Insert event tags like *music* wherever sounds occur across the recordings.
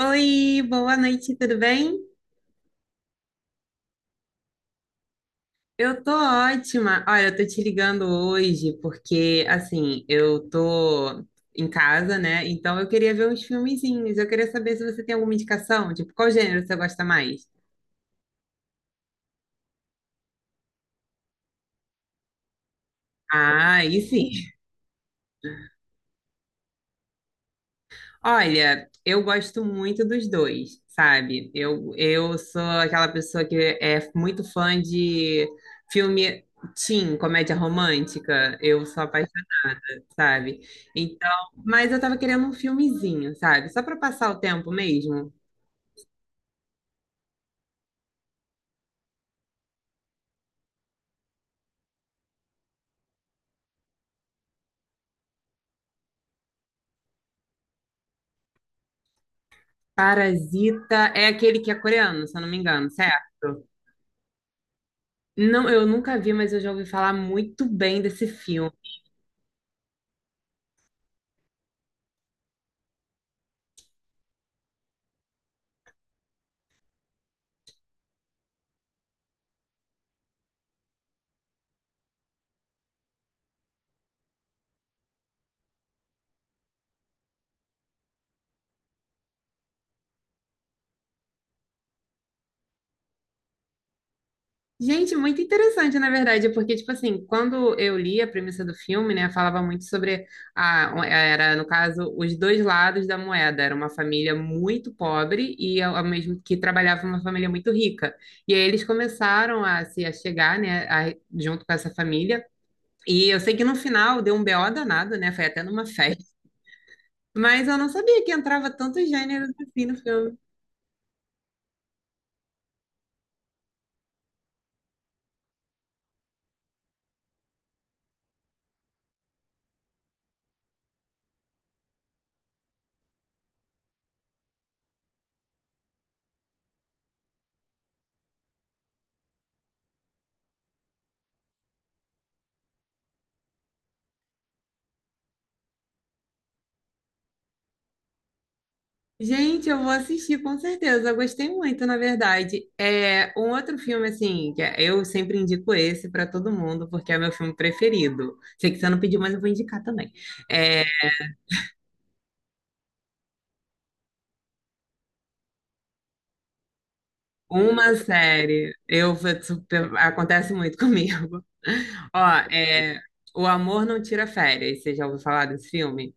Oi, boa noite, tudo bem? Eu tô ótima. Olha, eu tô te ligando hoje porque, assim, eu tô em casa, né? Então eu queria ver uns filmezinhos. Eu queria saber se você tem alguma indicação, tipo, qual gênero você gosta mais? Ah, aí sim. Olha, eu gosto muito dos dois, sabe? Eu sou aquela pessoa que é muito fã de filme teen, comédia romântica. Eu sou apaixonada, sabe? Então, mas eu tava querendo um filmezinho, sabe? Só para passar o tempo mesmo. Parasita é aquele que é coreano, se eu não me engano, certo? Não, eu nunca vi, mas eu já ouvi falar muito bem desse filme. Gente, muito interessante, na verdade, porque, tipo assim, quando eu li a premissa do filme, né, falava muito sobre a, era, no caso, os dois lados da moeda. Era uma família muito pobre e ao mesmo que trabalhava uma família muito rica. E aí eles começaram a se achegar, né, junto com essa família. E eu sei que no final deu um BO danado, né? Foi até numa festa. *laughs* Mas eu não sabia que entrava tantos gêneros assim no filme. Gente, eu vou assistir com certeza. Eu gostei muito, na verdade. É um outro filme assim, eu sempre indico esse para todo mundo porque é meu filme preferido. Sei que você não pediu, mas eu vou indicar também. É uma série. Eu acontece muito comigo. *laughs* Ó, é O Amor Não Tira Férias. Você já ouviu falar desse filme?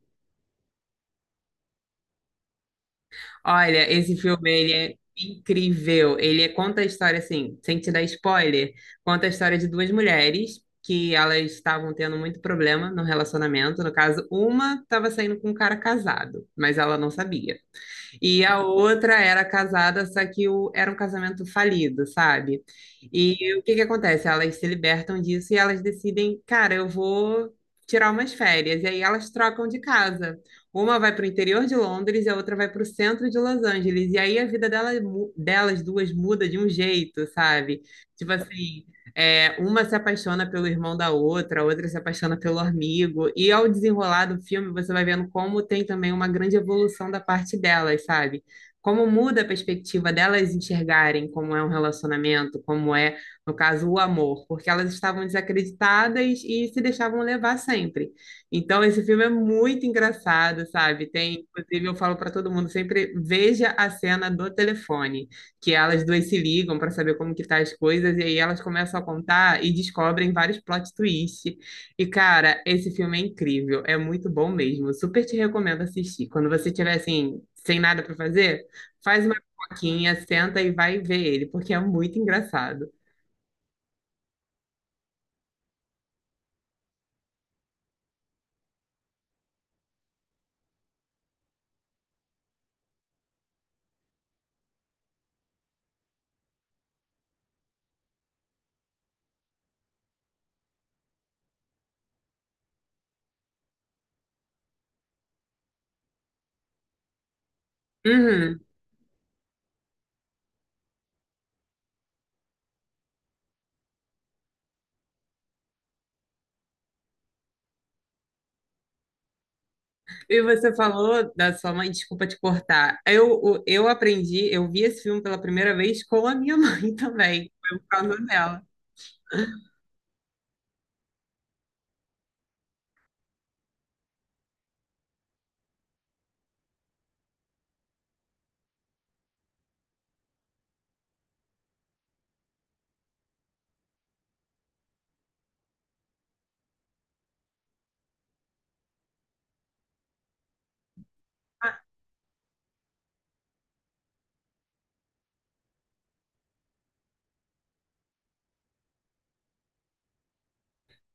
Olha, esse filme, ele é incrível. Conta a história, assim, sem te dar spoiler, conta a história de duas mulheres que elas estavam tendo muito problema no relacionamento. No caso, uma estava saindo com um cara casado, mas ela não sabia. E a outra era casada, só que o, era um casamento falido, sabe? E o que que acontece? Elas se libertam disso e elas decidem, cara, eu vou tirar umas férias. E aí elas trocam de casa. Uma vai para o interior de Londres e a outra vai para o centro de Los Angeles. E aí a vida dela, delas duas muda de um jeito, sabe? Tipo assim. É, uma se apaixona pelo irmão da outra, a outra se apaixona pelo amigo, e ao desenrolar do filme você vai vendo como tem também uma grande evolução da parte delas, sabe? Como muda a perspectiva delas enxergarem como é um relacionamento, como é, no caso, o amor, porque elas estavam desacreditadas e se deixavam levar sempre. Então, esse filme é muito engraçado, sabe? Tem, inclusive, eu falo para todo mundo sempre, veja a cena do telefone que elas duas se ligam para saber como que tá as coisas, e aí elas começam a contar e descobrem vários plot twists. E, cara, esse filme é incrível, é muito bom mesmo. Super te recomendo assistir. Quando você tiver, assim, sem nada para fazer, faz uma pipoquinha, senta e vai ver ele, porque é muito engraçado. Uhum. E você falou da sua mãe, desculpa te cortar. Eu aprendi, eu vi esse filme pela primeira vez com a minha *laughs* mãe também, foi por causa dela.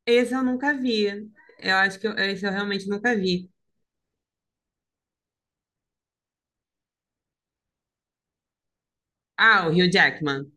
Esse eu nunca vi. Eu acho que eu- Esse eu realmente nunca vi. Ah, o Hugh Jackman.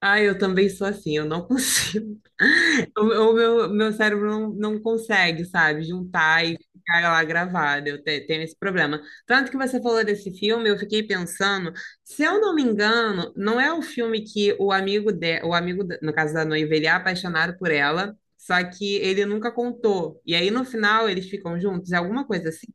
Ah, eu também sou assim, eu não consigo. *laughs* Meu cérebro não consegue, sabe, juntar e ficar lá gravado. Tenho esse problema. Tanto que você falou desse filme, eu fiquei pensando, se eu não me engano, não é o filme que o amigo de, o amigo, no caso da noiva, ele é apaixonado por ela, só que ele nunca contou. E aí no final eles ficam juntos, é alguma coisa assim.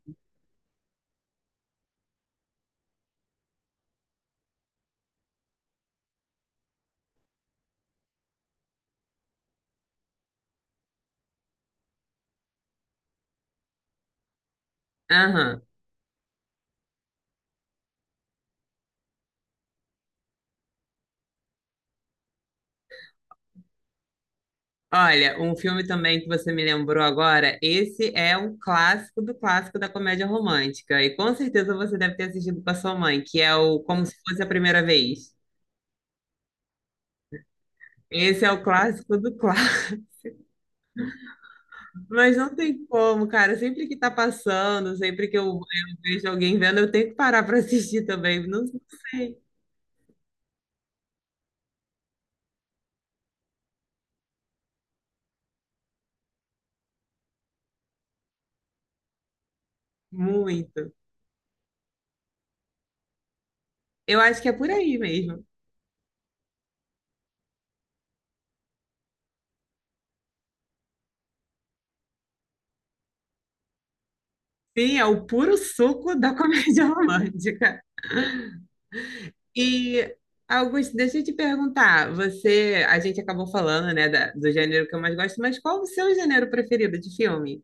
Aham. Olha, um filme também que você me lembrou agora, esse é um clássico do clássico da comédia romântica. E com certeza você deve ter assistido com a sua mãe, que é o Como se fosse a primeira vez. Esse é o clássico do clássico. *laughs* Mas não tem como, cara. Sempre que tá passando, sempre que eu vejo alguém vendo, eu tenho que parar para assistir também. Não sei, muito. Eu acho que é por aí mesmo. Sim, é o puro suco da comédia *laughs* romântica. E, Augusto, deixa eu te perguntar, você, a gente acabou falando, né, do gênero que eu mais gosto, mas qual o seu gênero preferido de filme?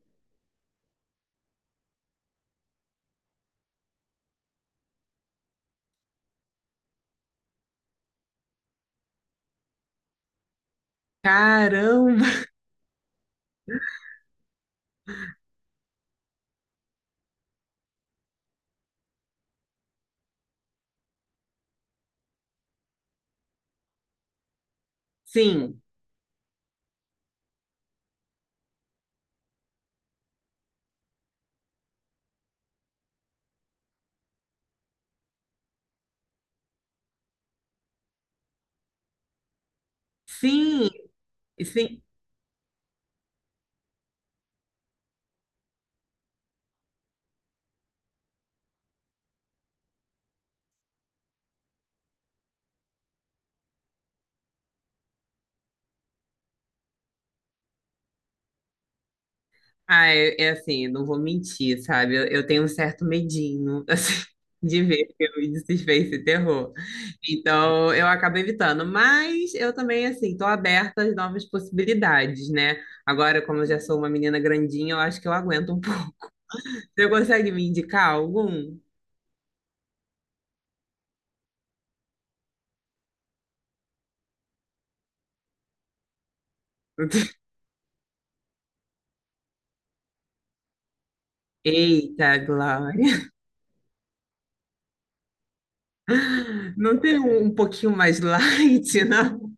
Caramba! Sim, sim, sim. Ah, é, é assim, não vou mentir, sabe? Eu tenho um certo medinho, *laughs* assim, de ver filme de suspense e terror. Então, eu acabo evitando, mas eu também, assim, tô aberta às novas possibilidades, né? Agora, como eu já sou uma menina grandinha, eu acho que eu aguento um *laughs* pouco. Você consegue me indicar algum? Eita, Glória. Não tem um, um pouquinho mais light, *laughs* não?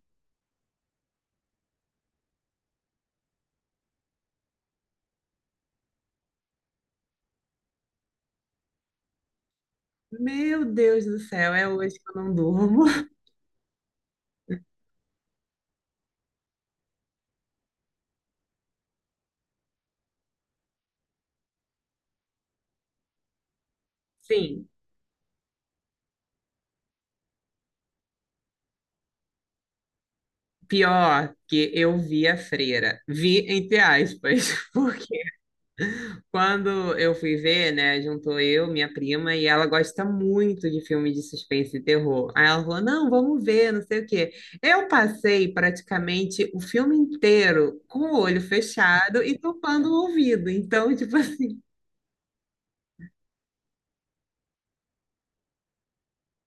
Meu Deus do céu, é hoje que eu não durmo. Sim, pior que eu vi a freira. Vi entre aspas, *laughs* porque quando eu fui ver, né, juntou eu, minha prima, e ela gosta muito de filme de suspense e terror. Aí ela falou: não, vamos ver, não sei o quê. Eu passei praticamente o filme inteiro com o olho fechado e tampando o ouvido. Então, tipo assim,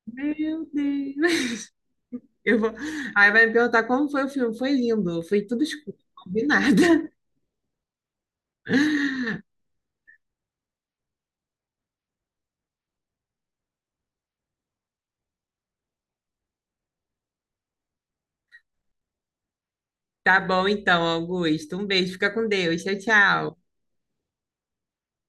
meu Deus. *laughs* Eu vou... Aí vai me perguntar como foi o filme. Foi lindo, foi tudo escuro, não vi nada. *laughs* Tá bom, então, Augusto. Um beijo, fica com Deus. Tchau, tchau.